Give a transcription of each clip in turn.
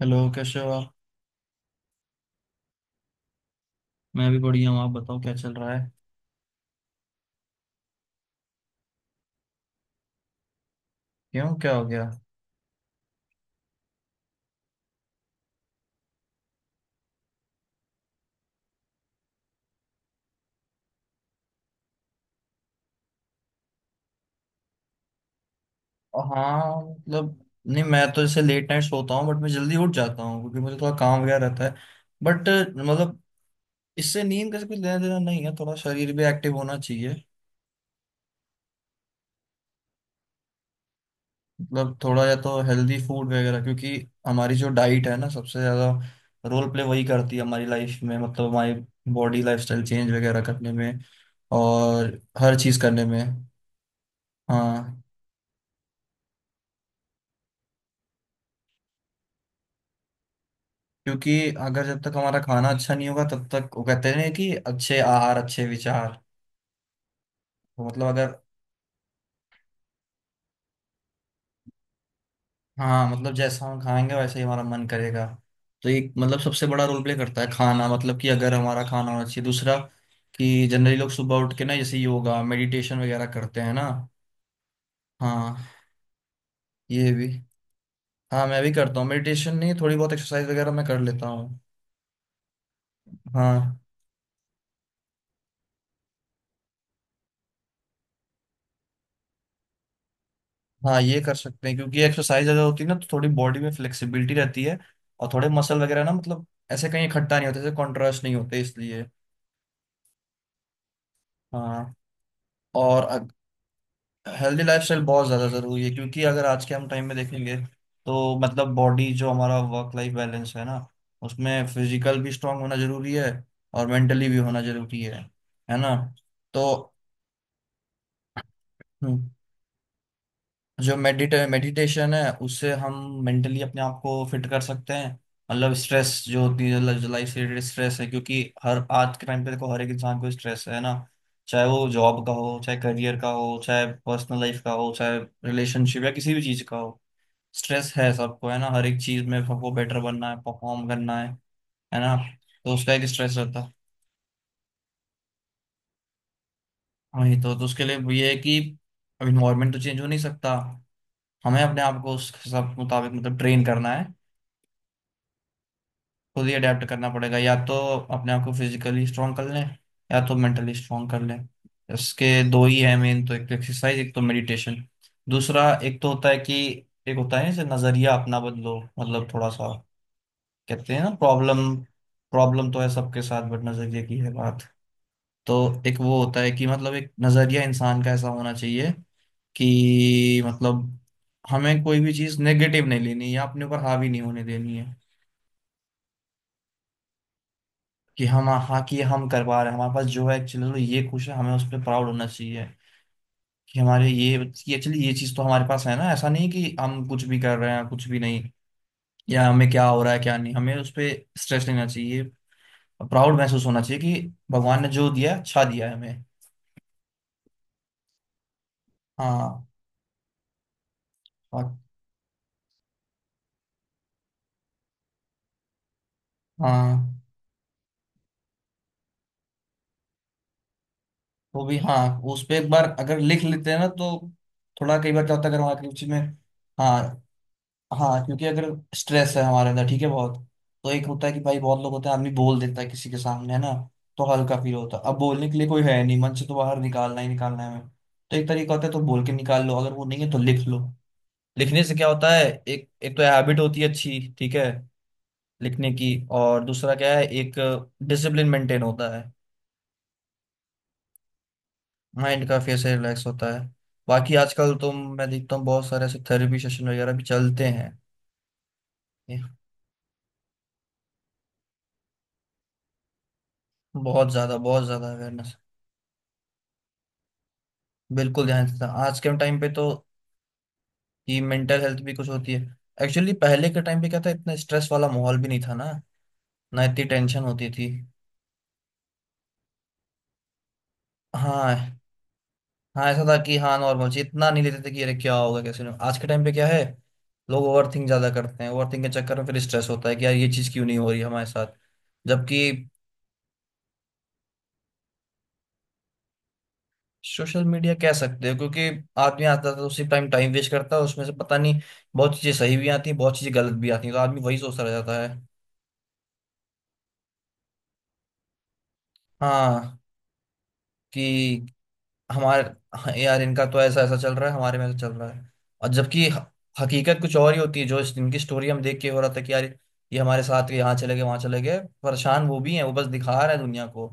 Hello कैसे हो आप। मैं भी बढ़िया हूँ, आप बताओ क्या चल रहा है। क्यों, क्या हो गया। हाँ, मतलब नहीं, मैं तो जैसे लेट नाइट सोता हूँ बट मैं जल्दी उठ जाता हूँ क्योंकि मुझे थोड़ा काम वगैरह रहता है। बट मतलब इससे नींद का कुछ लेना देना नहीं है, थोड़ा शरीर भी एक्टिव होना चाहिए। मतलब थोड़ा या तो हेल्दी फूड वगैरह, क्योंकि हमारी जो डाइट है ना, सबसे ज़्यादा रोल प्ले वही करती है हमारी लाइफ में, मतलब हमारी बॉडी लाइफस्टाइल चेंज वगैरह करने में और हर चीज़ करने में। हाँ, क्योंकि अगर जब तक हमारा खाना अच्छा नहीं होगा तब तक, वो कहते हैं कि अच्छे आहार अच्छे विचार। तो मतलब अगर, हाँ, मतलब जैसा हम खाएंगे वैसे ही हमारा मन करेगा। तो एक मतलब सबसे बड़ा रोल प्ले करता है खाना, मतलब कि अगर हमारा खाना होना चाहिए। दूसरा कि जनरली लोग सुबह उठ के ना जैसे योगा मेडिटेशन वगैरह करते हैं ना। हाँ, ये भी, हाँ, मैं भी करता हूँ। मेडिटेशन नहीं, थोड़ी बहुत एक्सरसाइज वगैरह मैं कर लेता हूँ। हाँ। हाँ, ये कर सकते हैं, क्योंकि एक्सरसाइज ज्यादा होती है ना तो थोड़ी बॉडी में फ्लेक्सिबिलिटी रहती है, और थोड़े मसल वगैरह ना, मतलब ऐसे कहीं इकट्ठा नहीं होते, ऐसे कॉन्ट्रास्ट नहीं होते इसलिए। हाँ और हेल्दी लाइफस्टाइल बहुत ज़्यादा ज़रूरी है, क्योंकि अगर आज के हम टाइम में देखेंगे तो, मतलब बॉडी, जो हमारा वर्क लाइफ बैलेंस है ना, उसमें फिजिकल भी स्ट्रांग होना जरूरी है, और मेंटली भी होना जरूरी है ना। तो हम्म, जो मेडिटेशन है उससे हम मेंटली अपने आप को फिट कर सकते हैं। मतलब स्ट्रेस जो होती है, लाइफ से रिलेटेड स्ट्रेस है, क्योंकि हर आज के टाइम पे देखो हर एक इंसान को स्ट्रेस है ना, चाहे वो जॉब का हो, चाहे करियर का हो, चाहे पर्सनल लाइफ का हो, चाहे रिलेशनशिप या किसी भी चीज का हो। स्ट्रेस है, सबको है ना, हर एक चीज में सबको बेटर बनना है, परफॉर्म करना है ना। तो उसका एक स्ट्रेस रहता है। वही तो उसके लिए ये है कि अब इन्वायरमेंट तो चेंज हो नहीं सकता, हमें अपने आप को उस सब मुताबिक मतलब ट्रेन करना है। खुद ही अडेप्ट करना पड़ेगा, या तो अपने आप को फिजिकली स्ट्रांग कर लें या तो मेंटली स्ट्रांग कर लें। इसके दो ही है मेन, तो एक तो एक्सरसाइज, एक तो मेडिटेशन। दूसरा एक तो होता है कि, एक होता है जैसे नजरिया अपना बदलो, मतलब थोड़ा सा कहते हैं ना, प्रॉब्लम, प्रॉब्लम तो है सबके साथ बट नजरिए की है बात। तो एक वो होता है कि मतलब एक नजरिया इंसान का ऐसा होना चाहिए कि मतलब हमें कोई भी चीज़ नेगेटिव नहीं लेनी, या अपने ऊपर हावी नहीं होने देनी है। कि हम, हाँ, कि हम करवा रहे हैं, हमारे पास जो है एक्चुअली तो ये खुश है, हमें उस पर प्राउड होना चाहिए कि हमारे ये एक्चुअली ये चीज़ तो हमारे पास है ना, ऐसा नहीं कि हम कुछ भी कर रहे हैं, कुछ भी नहीं। या हमें क्या हो रहा है क्या नहीं, हमें उस पर स्ट्रेस लेना चाहिए। प्राउड महसूस होना चाहिए कि भगवान ने जो दिया, अच्छा दिया है हमें। हाँ और, हाँ, वो भी, हाँ, उस पर एक बार अगर लिख लेते हैं ना तो, थोड़ा कई बार क्या होता है अगर हमारे किसी चीज़ में। हाँ, हाँ, क्योंकि अगर स्ट्रेस है हमारे अंदर, ठीक है, बहुत। तो एक होता है कि भाई, बहुत लोग होते हैं, आदमी बोल देता है किसी के सामने, है ना, तो हल्का फील होता है। अब बोलने के लिए कोई है नहीं, मन से तो बाहर निकालना ही निकालना है हमें। तो एक तरीका होता है, तो बोल के निकाल लो, अगर वो नहीं है तो लिख लो। लिखने से क्या होता है, एक एक तो हैबिट होती है अच्छी, ठीक है, लिखने की। और दूसरा क्या है, एक डिसिप्लिन मेंटेन होता है, माइंड काफी ऐसे रिलैक्स होता है। बाकी आजकल तो मैं देखता हूँ बहुत सारे ऐसे थेरेपी सेशन वगैरह भी चलते हैं। बहुत ज्यादा अवेयरनेस। बिल्कुल ध्यान देता था आज के टाइम पे तो, ये मेंटल हेल्थ भी कुछ होती है। एक्चुअली पहले के टाइम पे क्या था, इतना स्ट्रेस वाला माहौल भी नहीं था ना, ना इतनी टेंशन होती थी। हाँ, हाँ, ऐसा था कि हाँ, नॉर्मल चीज, इतना नहीं लेते थे कि अरे क्या होगा, कैसे नहीं होगा। आज के टाइम पे क्या है, लोग ओवर थिंक ज्यादा करते हैं, ओवर थिंक के चक्कर में फिर स्ट्रेस होता है कि यार ये चीज क्यों नहीं हो रही हमारे साथ। जबकि सोशल मीडिया कह सकते हो, क्योंकि आदमी आता था तो उसी टाइम टाइम वेस्ट करता है, उसमें से पता नहीं, बहुत चीजें सही भी आती हैं, बहुत चीजें गलत भी आती हैं, तो आदमी वही सोचता रह जाता है। हाँ, कि हमारे, हाँ, यार इनका तो ऐसा ऐसा चल रहा है, हमारे में ऐसा चल रहा है। और जबकि हकीकत कुछ और ही होती है, जो इनकी स्टोरी हम देख के हो रहा था कि यार ये हमारे साथ, यहाँ चले गए, वहां चले गए, परेशान वो भी हैं, वो बस दिखा रहे हैं दुनिया को।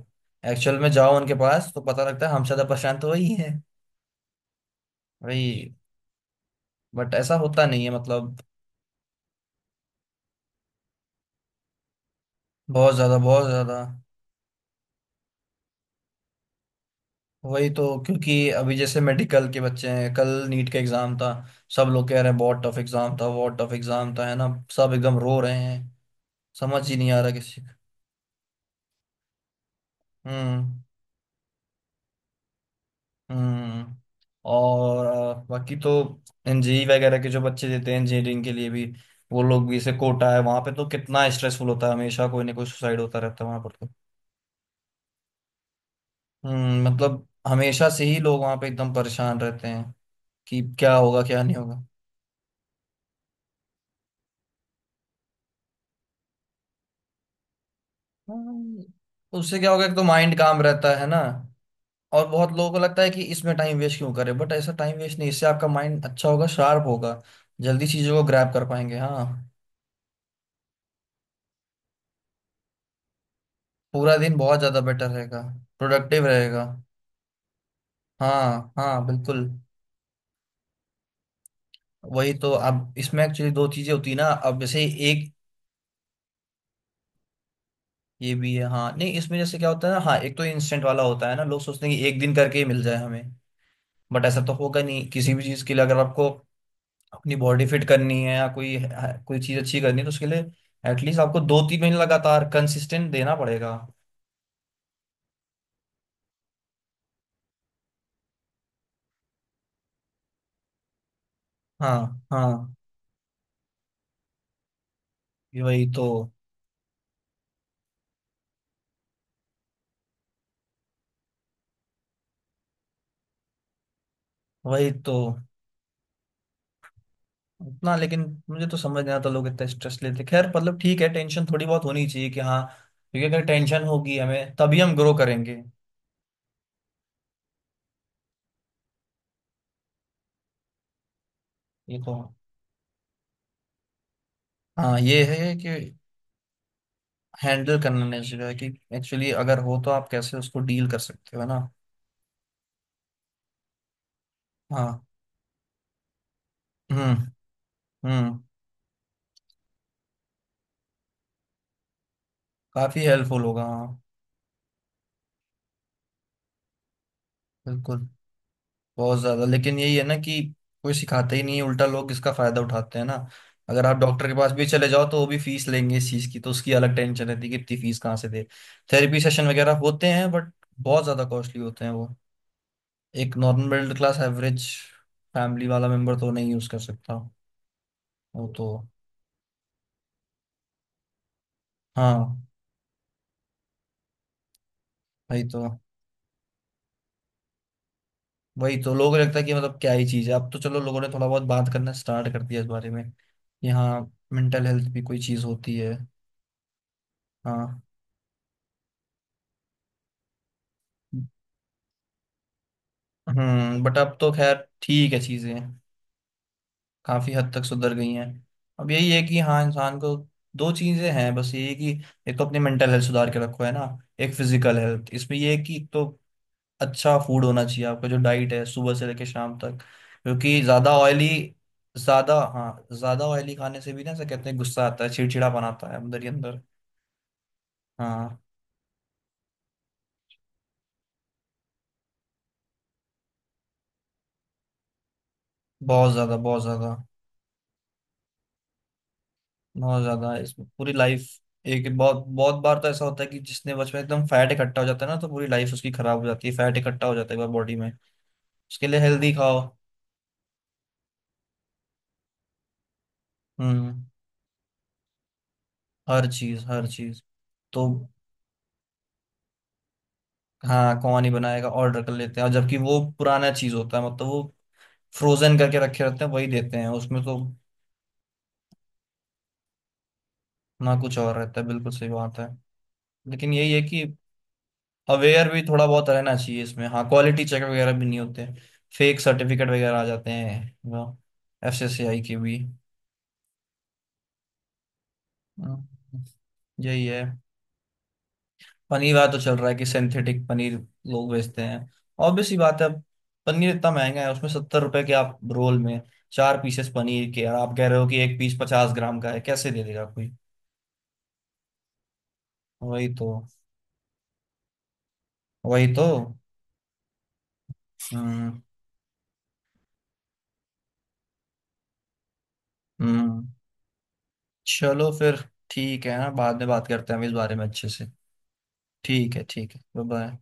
एक्चुअल में जाओ उनके पास तो पता लगता है हम ज्यादा परेशान तो वही है। वही, बट ऐसा होता नहीं है मतलब। बहुत ज्यादा बहुत ज्यादा। वही तो, क्योंकि अभी जैसे मेडिकल के बच्चे हैं, कल नीट का एग्जाम था, सब लोग कह रहे हैं बहुत टफ एग्जाम था, बहुत टफ एग्जाम था, है ना, सब एकदम रो रहे हैं, समझ ही नहीं आ रहा किसी। हम्म हम्म। और बाकी तो एनजीई वगैरह के जो बच्चे देते हैं इंजीनियरिंग के लिए भी, वो लोग भी जैसे कोटा है, वहां पे तो कितना स्ट्रेसफुल होता है, हमेशा कोई ना कोई सुसाइड होता रहता है वहां पर तो। हम्म, मतलब हमेशा से ही लोग वहां पे एकदम परेशान रहते हैं कि क्या होगा क्या नहीं होगा। हम्म, उससे क्या होगा, एक तो माइंड काम रहता है ना। और बहुत लोगों को लगता है कि इसमें टाइम वेस्ट क्यों करें, बट ऐसा टाइम वेस्ट नहीं, इससे आपका माइंड अच्छा होगा, शार्प होगा, जल्दी चीजों को ग्रैब कर पाएंगे। हाँ पूरा दिन बहुत ज्यादा बेटर रहेगा, प्रोडक्टिव रहेगा। हाँ, हाँ, बिल्कुल। वही तो, अब इसमें एक्चुअली दो चीजें होती है ना, अब जैसे एक, ये भी है, हाँ, नहीं, इसमें जैसे क्या होता है ना, हाँ, एक तो इंस्टेंट वाला होता है ना, लोग सोचते हैं कि एक दिन करके ही मिल जाए हमें, बट ऐसा तो होगा नहीं। किसी भी चीज के लिए, अगर आपको अपनी बॉडी फिट करनी है या कोई, हाँ, कोई चीज अच्छी करनी है, तो उसके लिए एटलीस्ट आपको 2 3 महीने लगातार कंसिस्टेंट देना पड़ेगा। हाँ, हाँ, ये वही तो, वही तो, उतना लेकिन। मुझे तो समझ नहीं आता लोग इतना स्ट्रेस लेते, खैर मतलब ठीक है, टेंशन थोड़ी बहुत होनी चाहिए कि हाँ, क्योंकि अगर टेंशन होगी हमें तभी हम ग्रो करेंगे। ये तो, हाँ, ये है कि हैंडल करना नहीं, चाहिए कि एक्चुअली अगर हो तो आप कैसे उसको डील कर सकते हो, है ना। हाँ। हम्म हम्म। काफी हेल्पफुल होगा, हाँ, बिल्कुल। बहुत ज्यादा, लेकिन यही है ना कि कोई सिखाता ही नहीं है, उल्टा लोग इसका फायदा उठाते हैं ना। अगर आप डॉक्टर के पास भी चले जाओ तो वो भी फीस लेंगे इस चीज की, तो उसकी अलग टेंशन रहती है कि इतनी फीस कहाँ से दे। थेरेपी सेशन वगैरह होते हैं बट बहुत ज्यादा कॉस्टली होते हैं वो, एक normal middle class average family वाला मेंबर तो नहीं यूज कर सकता वो तो। हाँ वही तो, वही तो लोगों को लगता है कि मतलब क्या ही चीज है, अब तो चलो लोगों ने थोड़ा बहुत बात करना स्टार्ट कर दिया इस बारे में कि हाँ मेंटल हेल्थ भी कोई चीज होती है। हाँ, हम्म, बट अब तो खैर ठीक है, चीज़ें काफ़ी हद तक सुधर गई हैं। अब यही है कि हाँ, इंसान को दो चीज़ें हैं, बस यही कि एक तो अपनी मेंटल हेल्थ सुधार के रखो, है ना, एक फिजिकल हेल्थ। इसमें ये है कि एक तो अच्छा फूड होना चाहिए, आपका जो डाइट है सुबह से लेकर शाम तक, क्योंकि ज़्यादा ऑयली, ज़्यादा, हाँ, ज़्यादा ऑयली खाने से भी ना ऐसा कहते हैं गुस्सा आता है, चिड़चिड़ापन आता है अंदर ही अंदर। हाँ, बहुत ज़्यादा बहुत ज़्यादा। बहुत ज्यादा, इसमें पूरी लाइफ एक, बहुत बहुत बार तो ऐसा होता है कि जिसने बचपन में एकदम फैट इकट्ठा हो जाता है ना, तो पूरी लाइफ उसकी खराब हो जाती है, फैट इकट्ठा हो जाता है एक बार बॉडी में। उसके लिए हेल्दी खाओ। हम्म। हर चीज तो, हाँ, कौन ही बनाएगा, ऑर्डर कर लेते हैं। और जबकि वो पुराना चीज होता है, मतलब वो फ्रोजन करके रखे रहते हैं, वही देते हैं, उसमें तो ना कुछ और रहता है। बिल्कुल सही बात है, लेकिन यही है कि अवेयर भी थोड़ा बहुत रहना चाहिए इसमें। हाँ क्वालिटी चेक वगैरह भी नहीं होते, फेक सर्टिफिकेट वगैरह आ जाते हैं, FSSAI के भी। हम्म, यही है, पनीर वाला तो चल रहा है कि सिंथेटिक पनीर लोग बेचते हैं। ऑब्वियस सी बात है, अब पनीर इतना महंगा है, उसमें 70 रुपए के आप रोल में चार पीसेस पनीर के, और आप कह रहे हो कि एक पीस 50 ग्राम का है, कैसे दे देगा कोई। वही तो, वही तो। हम्म हम्म। चलो फिर, ठीक है ना, बाद में बात करते हैं हम इस बारे में अच्छे से। ठीक है, ठीक है, बाय बाय।